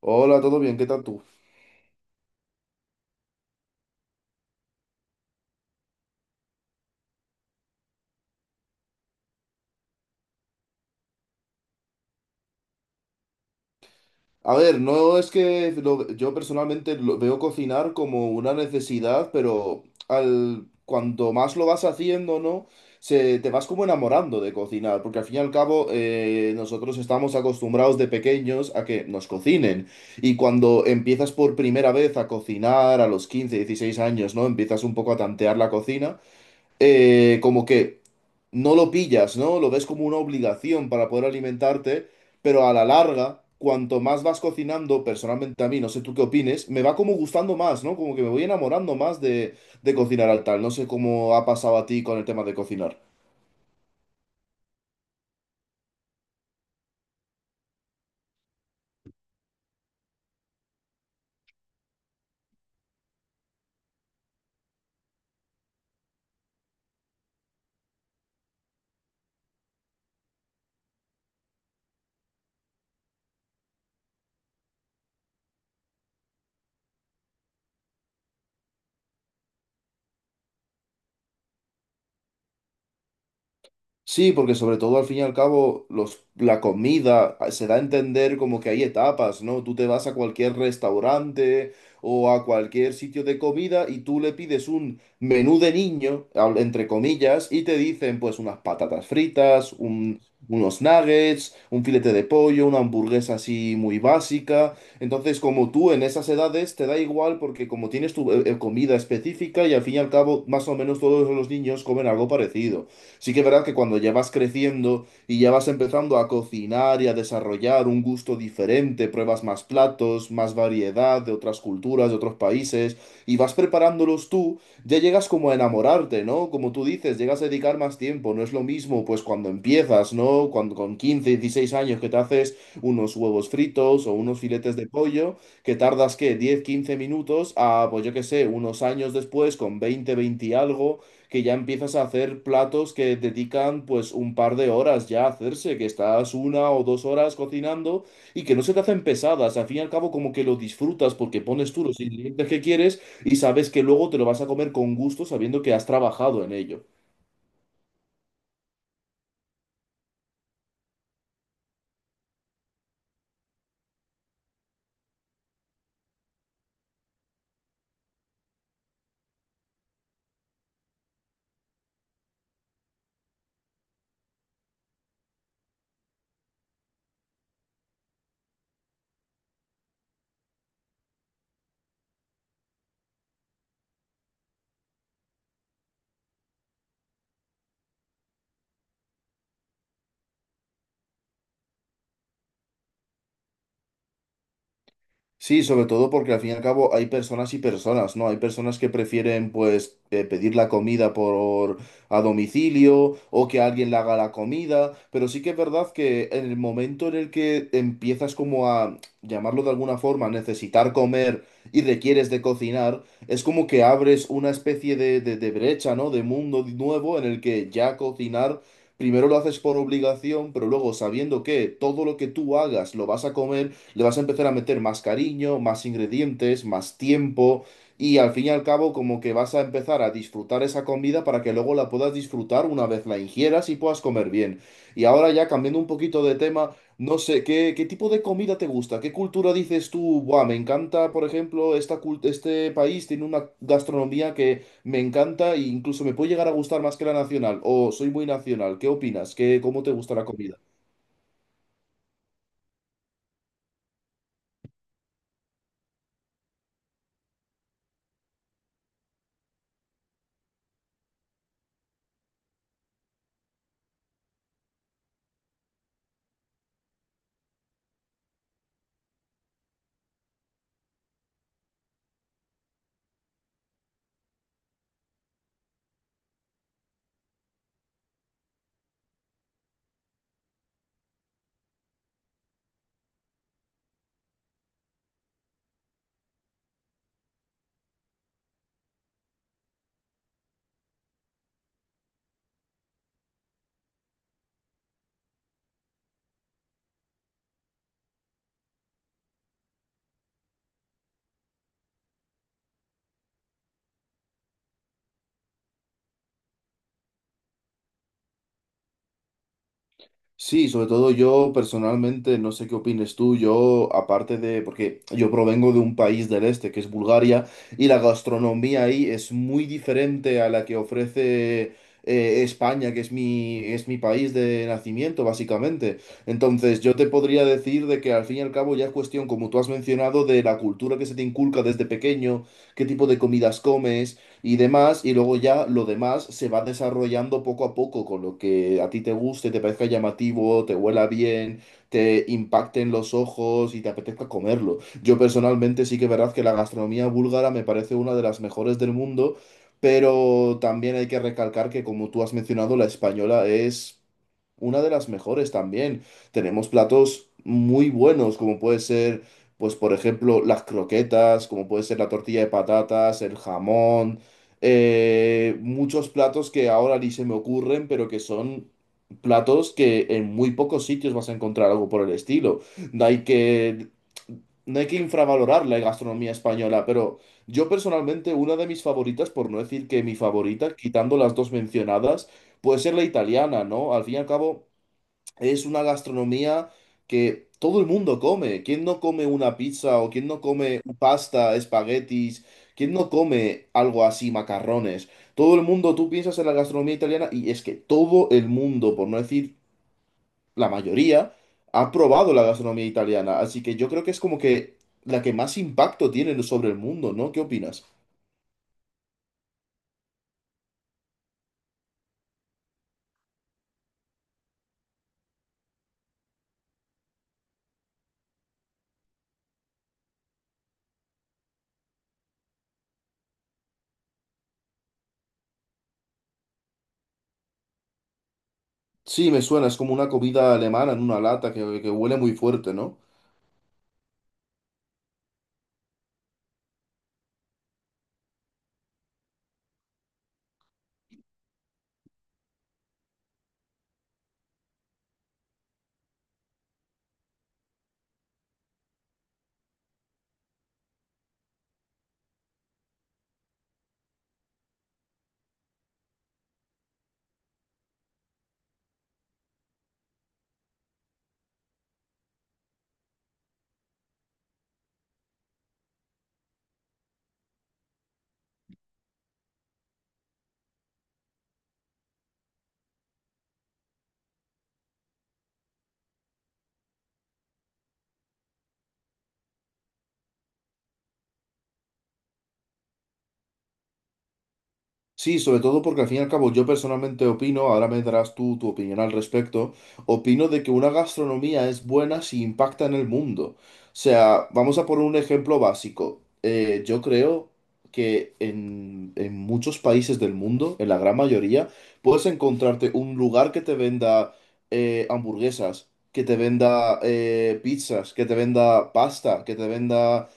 Hola, ¿todo bien? ¿Qué tal tú? A ver, no es que lo- yo personalmente lo veo cocinar como una necesidad, pero cuanto más lo vas haciendo, ¿no? Te vas como enamorando de cocinar, porque al fin y al cabo nosotros estamos acostumbrados de pequeños a que nos cocinen. Y cuando empiezas por primera vez a cocinar a los 15, 16 años, ¿no? Empiezas un poco a tantear la cocina. Como que no lo pillas, ¿no? Lo ves como una obligación para poder alimentarte, pero a la larga, cuanto más vas cocinando, personalmente a mí, no sé tú qué opines, me va como gustando más, ¿no? Como que me voy enamorando más de cocinar al tal. No sé cómo ha pasado a ti con el tema de cocinar. Sí, porque sobre todo al fin y al cabo la comida se da a entender como que hay etapas, ¿no? Tú te vas a cualquier restaurante o a cualquier sitio de comida y tú le pides un menú de niño, entre comillas, y te dicen pues unas patatas fritas, unos nuggets, un filete de pollo, una hamburguesa así muy básica. Entonces como tú en esas edades te da igual porque como tienes tu comida específica y al fin y al cabo más o menos todos los niños comen algo parecido. Sí que es verdad que cuando ya vas creciendo y ya vas empezando a cocinar y a desarrollar un gusto diferente, pruebas más platos, más variedad de otras culturas, de otros países, y vas preparándolos tú, ya llegas como a enamorarte, ¿no? Como tú dices, llegas a dedicar más tiempo, no es lo mismo pues cuando empiezas, ¿no? Cuando con 15 16 años que te haces unos huevos fritos o unos filetes de pollo, que tardas, ¿qué? 10 15 minutos a, pues yo qué sé, unos años después, con 20 20 y algo que ya empiezas a hacer platos que dedican pues un par de horas ya a hacerse, que estás una o dos horas cocinando y que no se te hacen pesadas, al fin y al cabo como que lo disfrutas porque pones tú los ingredientes que quieres y sabes que luego te lo vas a comer con gusto sabiendo que has trabajado en ello. Sí, sobre todo porque al fin y al cabo hay personas y personas, ¿no? Hay personas que prefieren pues pedir la comida por a domicilio o que alguien le haga la comida, pero sí que es verdad que en el momento en el que empiezas como a llamarlo de alguna forma, necesitar comer y requieres de cocinar, es como que abres una especie de brecha, ¿no? De mundo nuevo en el que ya cocinar, primero lo haces por obligación, pero luego sabiendo que todo lo que tú hagas lo vas a comer le vas a empezar a meter más cariño, más ingredientes, más tiempo y al fin y al cabo como que vas a empezar a disfrutar esa comida para que luego la puedas disfrutar una vez la ingieras y puedas comer bien. Y ahora ya cambiando un poquito de tema, no sé, ¿qué, qué tipo de comida te gusta? ¿Qué cultura dices tú? Buah, me encanta, por ejemplo, este país tiene una gastronomía que me encanta e incluso me puede llegar a gustar más que la nacional. O soy muy nacional. ¿Qué opinas? ¿Qué, cómo te gusta la comida? Sí, sobre todo yo personalmente, no sé qué opines tú, yo aparte de, porque yo provengo de un país del este que es Bulgaria y la gastronomía ahí es muy diferente a la que ofrece España, que es es mi país de nacimiento básicamente. Entonces yo te podría decir de que al fin y al cabo ya es cuestión, como tú has mencionado, de la cultura que se te inculca desde pequeño, qué tipo de comidas comes y demás, y luego ya lo demás se va desarrollando poco a poco con lo que a ti te guste, te parezca llamativo, te huela bien, te impacte en los ojos y te apetezca comerlo. Yo personalmente sí que es verdad que la gastronomía búlgara me parece una de las mejores del mundo, pero también hay que recalcar que como tú has mencionado, la española es una de las mejores también. Tenemos platos muy buenos, como puede ser, pues por ejemplo, las croquetas, como puede ser la tortilla de patatas, el jamón, muchos platos que ahora ni se me ocurren, pero que son platos que en muy pocos sitios vas a encontrar algo por el estilo. No hay que, no hay que infravalorar la gastronomía española, pero yo personalmente una de mis favoritas, por no decir que mi favorita, quitando las dos mencionadas, puede ser la italiana, ¿no? Al fin y al cabo… Es una gastronomía que todo el mundo come. ¿Quién no come una pizza o quién no come pasta, espaguetis? ¿Quién no come algo así, macarrones? Todo el mundo, tú piensas en la gastronomía italiana y es que todo el mundo, por no decir la mayoría, ha probado la gastronomía italiana. Así que yo creo que es como que la que más impacto tiene sobre el mundo, ¿no? ¿Qué opinas? Sí, me suena, es como una comida alemana en una lata que huele muy fuerte, ¿no? Sí, sobre todo porque al fin y al cabo yo personalmente opino, ahora me darás tú tu opinión al respecto, opino de que una gastronomía es buena si impacta en el mundo. O sea, vamos a poner un ejemplo básico. Yo creo que en muchos países del mundo, en la gran mayoría, puedes encontrarte un lugar que te venda hamburguesas, que te venda pizzas, que te venda pasta, que te venda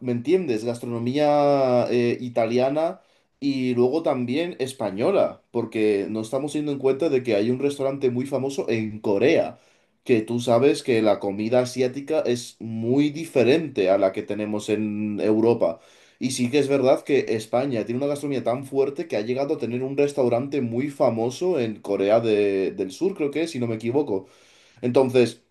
¿me entiendes? Gastronomía italiana y luego también española, porque no estamos teniendo en cuenta de que hay un restaurante muy famoso en Corea, que tú sabes que la comida asiática es muy diferente a la que tenemos en Europa. Y sí que es verdad que España tiene una gastronomía tan fuerte que ha llegado a tener un restaurante muy famoso en Corea del Sur, creo que es, si no me equivoco. Entonces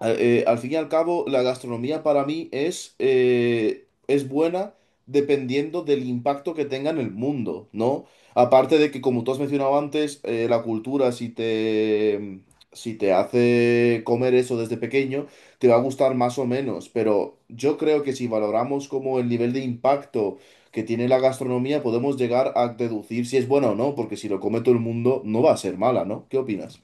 al fin y al cabo, la gastronomía para mí es buena dependiendo del impacto que tenga en el mundo, ¿no? Aparte de que, como tú has mencionado antes, la cultura, si te hace comer eso desde pequeño, te va a gustar más o menos. Pero yo creo que si valoramos como el nivel de impacto que tiene la gastronomía, podemos llegar a deducir si es buena o no, porque si lo come todo el mundo, no va a ser mala, ¿no? ¿Qué opinas?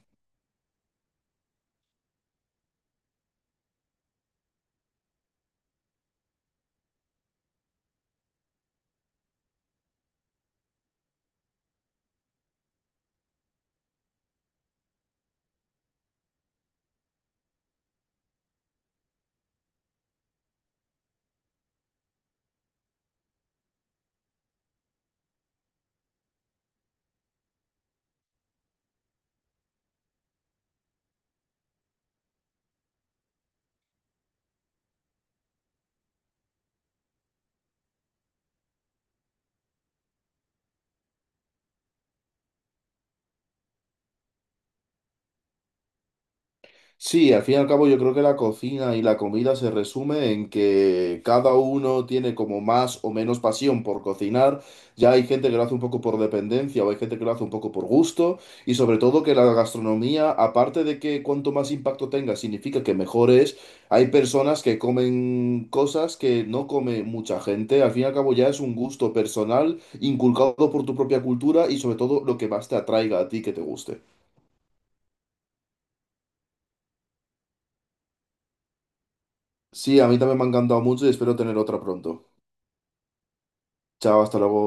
Sí, al fin y al cabo yo creo que la cocina y la comida se resume en que cada uno tiene como más o menos pasión por cocinar. Ya hay gente que lo hace un poco por dependencia o hay gente que lo hace un poco por gusto. Y sobre todo que la gastronomía, aparte de que cuanto más impacto tenga significa que mejor es, hay personas que comen cosas que no come mucha gente. Al fin y al cabo ya es un gusto personal inculcado por tu propia cultura y sobre todo lo que más te atraiga a ti que te guste. Sí, a mí también me ha encantado mucho y espero tener otra pronto. Chao, hasta luego.